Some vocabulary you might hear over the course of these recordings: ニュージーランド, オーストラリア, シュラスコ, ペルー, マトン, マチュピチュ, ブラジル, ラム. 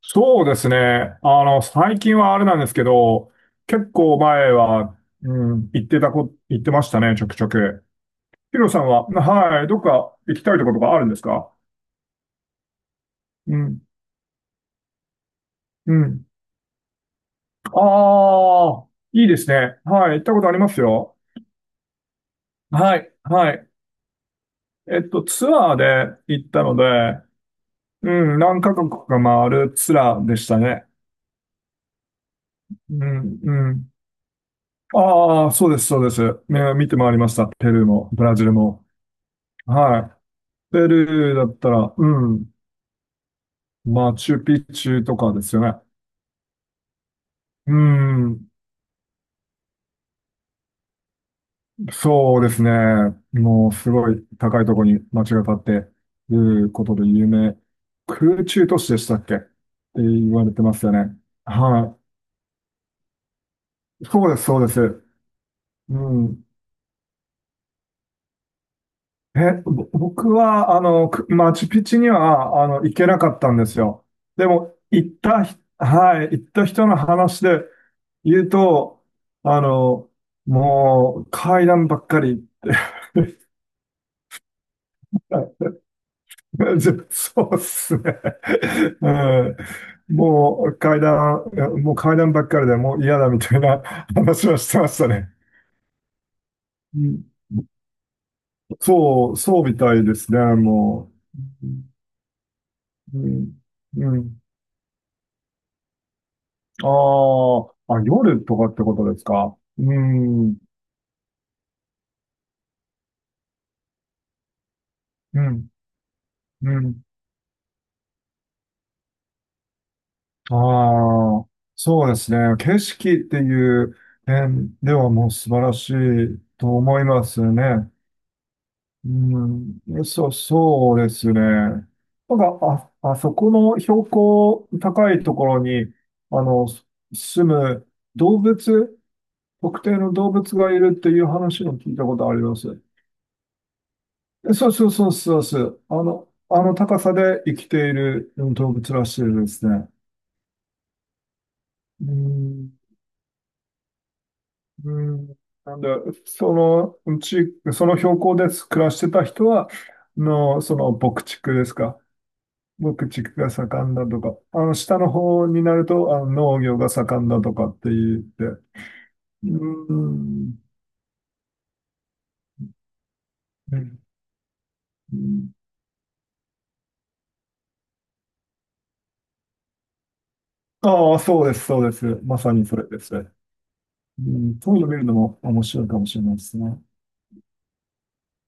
そうですね。最近はあれなんですけど、結構前は、うん、行ってましたね、ちょくちょく。ヒロさんは、はい、どっか行きたいところがあるんですか？うん、うん。ああ、いいですね。はい、行ったことありますよ。はい、はい。ツアーで行ったので、うん、何カ国か回るツアーでしたね。うん、うん。ああ、そうです、そうです。ね見て回りました。ペルーも、ブラジルも。はい。ペルーだったら、うん、マチュピチュとかですよね。うん、そうですね。もうすごい高いところに街が建っていることで有名。空中都市でしたっけって言われてますよね。はい。そうです、そうです。うん。僕は、マチュピチュには、行けなかったんですよ。でも、行ったひ、はい、行った人の話で言うと、あの、もう階段ばっかり。はい そうっすね。うん。もう階段、いやもう階段ばっかりでもう嫌だみたいな 話はしてましたね。うん、そう、そうみたいですね、もう。うん。うん。あーあ、夜とかってことですか？うん。うん。うん。ああ、そうですね。景色っていう点ではもう素晴らしいと思いますね。うん、そう、そうですね。なんか、あそこの標高高いところに、あの、す住む動物、特定の動物がいるっていう話を聞いたことあります。そうそうそうそうそう。あの高さで生きている動物らしいですね。うん、うん、なんで、そのうち、その標高で暮らしてた人は、その牧畜ですか。牧畜が盛んだとか、下の方になると、農業が盛んだとかって言って。うん。ああ、ー、そうです、そうです。まさにそれですね。うん、そういうの見るのも面白いかもしれないですね。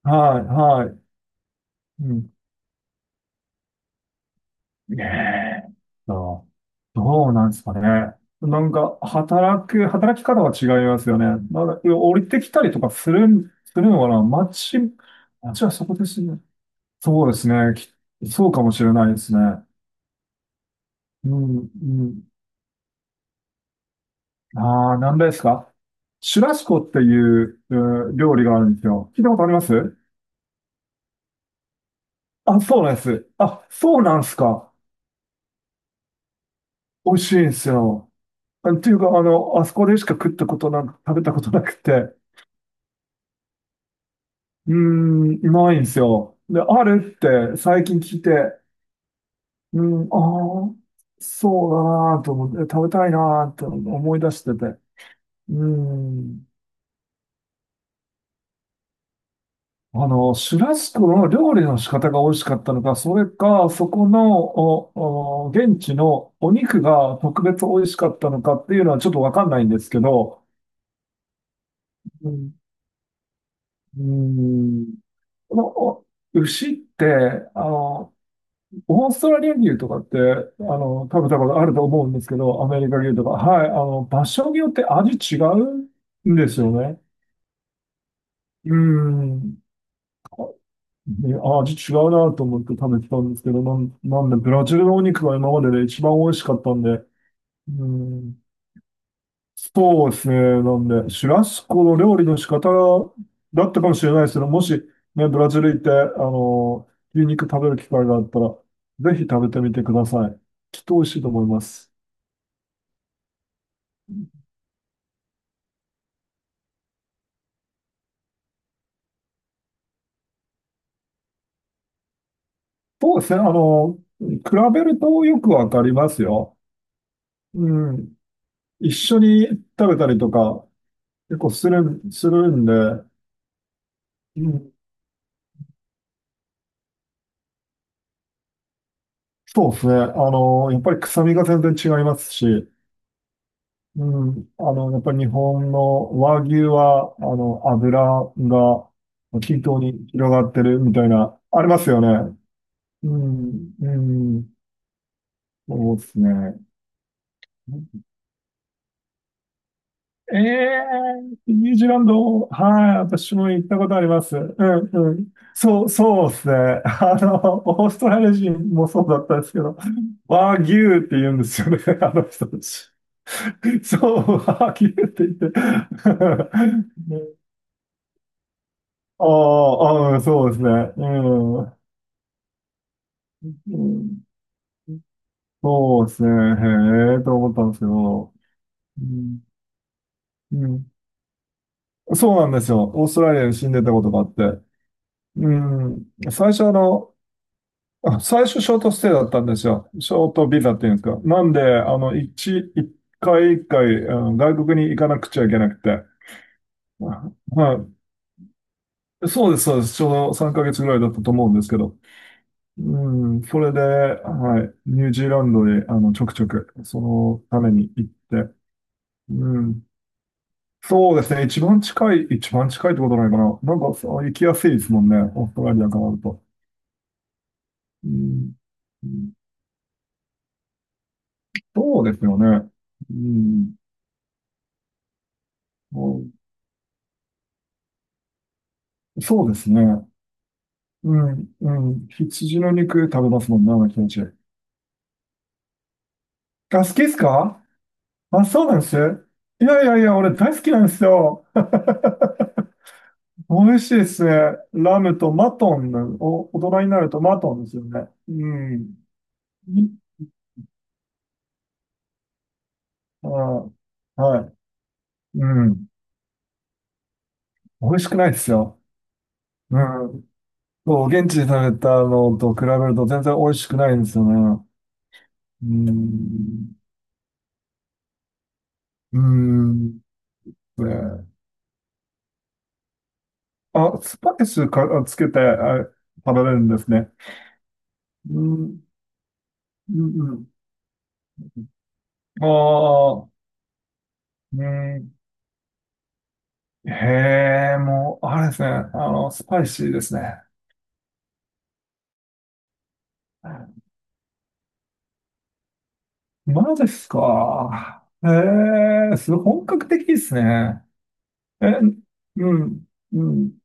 はい、はい。うん、ねえ。ああ、どうなんですかね。なんか、働き方は違いますよね。なんか、降りてきたりとかするのかな、街、街はそこですね。そうですね。そうかもしれないですね。うん、うん。ああ、なんですか？シュラスコっていう料理があるんですよ。聞いたことあります？あ、そうなんです。あ、そうなんですか。美味しいんですよ。っていうか、あそこでしか食ったことなく、食べたことなくて。うーん、ないんですよ。で、あるって最近聞いて、うん、ああ、そうだなと思って、食べたいなと思い出してて。うん。シュラスコの料理の仕方が美味しかったのか、それか、そこの、現地のお肉が特別美味しかったのかっていうのはちょっとわかんないんですけど、うん、うん、この牛って、あの、オーストラリア牛とかって、食べたことあると思うんですけど、アメリカ牛とか。はい。場所によって味違うんですよね。うん。ね、味違うなと思って食べてたんですけど、なんで、ブラジルのお肉が今までで一番美味しかったんで、うん。そうですね。なんで、シュラスコの料理の仕方だったかもしれないですけど、もし、ね、ブラジル行って、あの、牛肉食べる機会があったら、ぜひ食べてみてください。きっと美味しいと思います。そうですね。比べるとよくわかりますよ。うん。一緒に食べたりとか、結構するんで、うん、そうですね。やっぱり臭みが全然違いますし、うん。やっぱり日本の和牛は、油が均等に広がってるみたいな、ありますよね。うん、うん、そうですね。ええニュージーランド、はい、私も行ったことあります。うん、うん。そう、そうですね。オーストラリア人もそうだったんですけど、和牛って言うんですよね、あの人たち。そう、和牛って言って。ああ、うん、そうですね。うん。うん、そうですね。へえ、と思ったんですけど。うん、うん、そうなんですよ。オーストラリアに死んでたことがあって。うん。最初あの、あ最初ショートステイだったんですよ。ショートビザっていうんですか？なんで、一回一回、外国に行かなくちゃいけなくて。まあ、はい。そうです、そうです。ちょうど3ヶ月ぐらいだったと思うんですけど。うん、それで、はい。ニュージーランドに、ちょくちょく、そのために行って。うん。そうですね。一番近いってことないかな。なんか、そう行きやすいですもんね。オーストラリアからだと。うん、うん、そうですよね。うん。そうですね。うん、うん。羊の肉食べますもんな、毎日。あ、好きですか？あ、そうなんです。いやいやいや、俺大好きなんですよ。美味しいですね。ラムとマトンの、大人になるとマトンですよね。うん。にあー、はい。うん。美味しくないですよ。うん。そう、現地で食べたのと比べると全然美味しくないんですよね。うん。うん。ね、スパイスか、つけて、食べれるんですね。うん、うん、うん。ああ、うん。へえ、もう、あれですね。スパイシーですね。マジですか？へえ、すごい本格的ですね。え、うん、うん。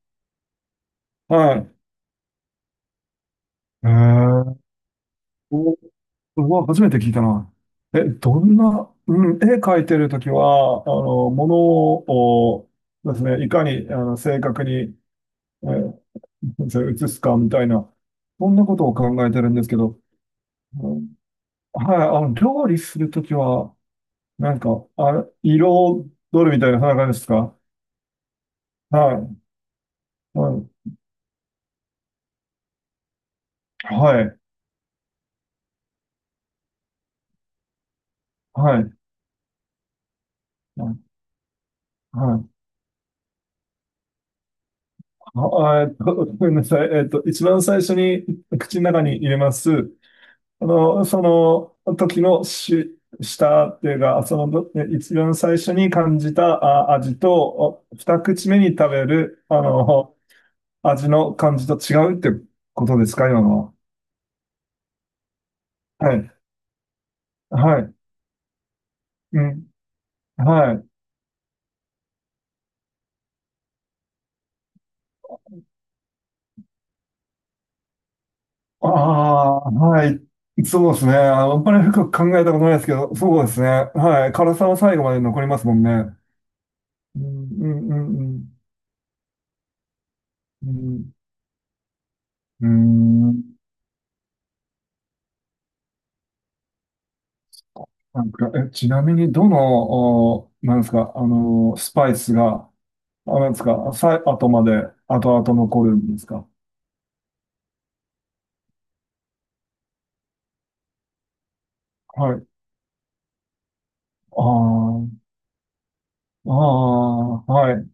はい。へえ、お、うわ、初めて聞いたな。どんな、うん、絵描いてるときは、ものをですね、いかに、正確に、えそれ移すかみたいな、そんなことを考えてるんですけど、うん、はい、料理するときは、なんか、色どるみたいな、そんな感じですか？はい、はい、はい、はい、はい。ごめんなさい。一番最初に 口の中に入れます。その時の舌っていうか、そのど、え一番最初に感じた味と、二口目に食べる、味の感じと違うってことですか、今のは？はい。はい。うん。はい。ああ、はい。そうですね。あんまり深く考えたことないですけど、そうですね。はい。辛さは最後まで残りますもんね。うん、うん、うん、うん。うん。うーん、なんか、ちなみに、どの、なんですか、スパイスが、なんですか、後まで、後々残るんですか？はい。ああ、ああ、はい。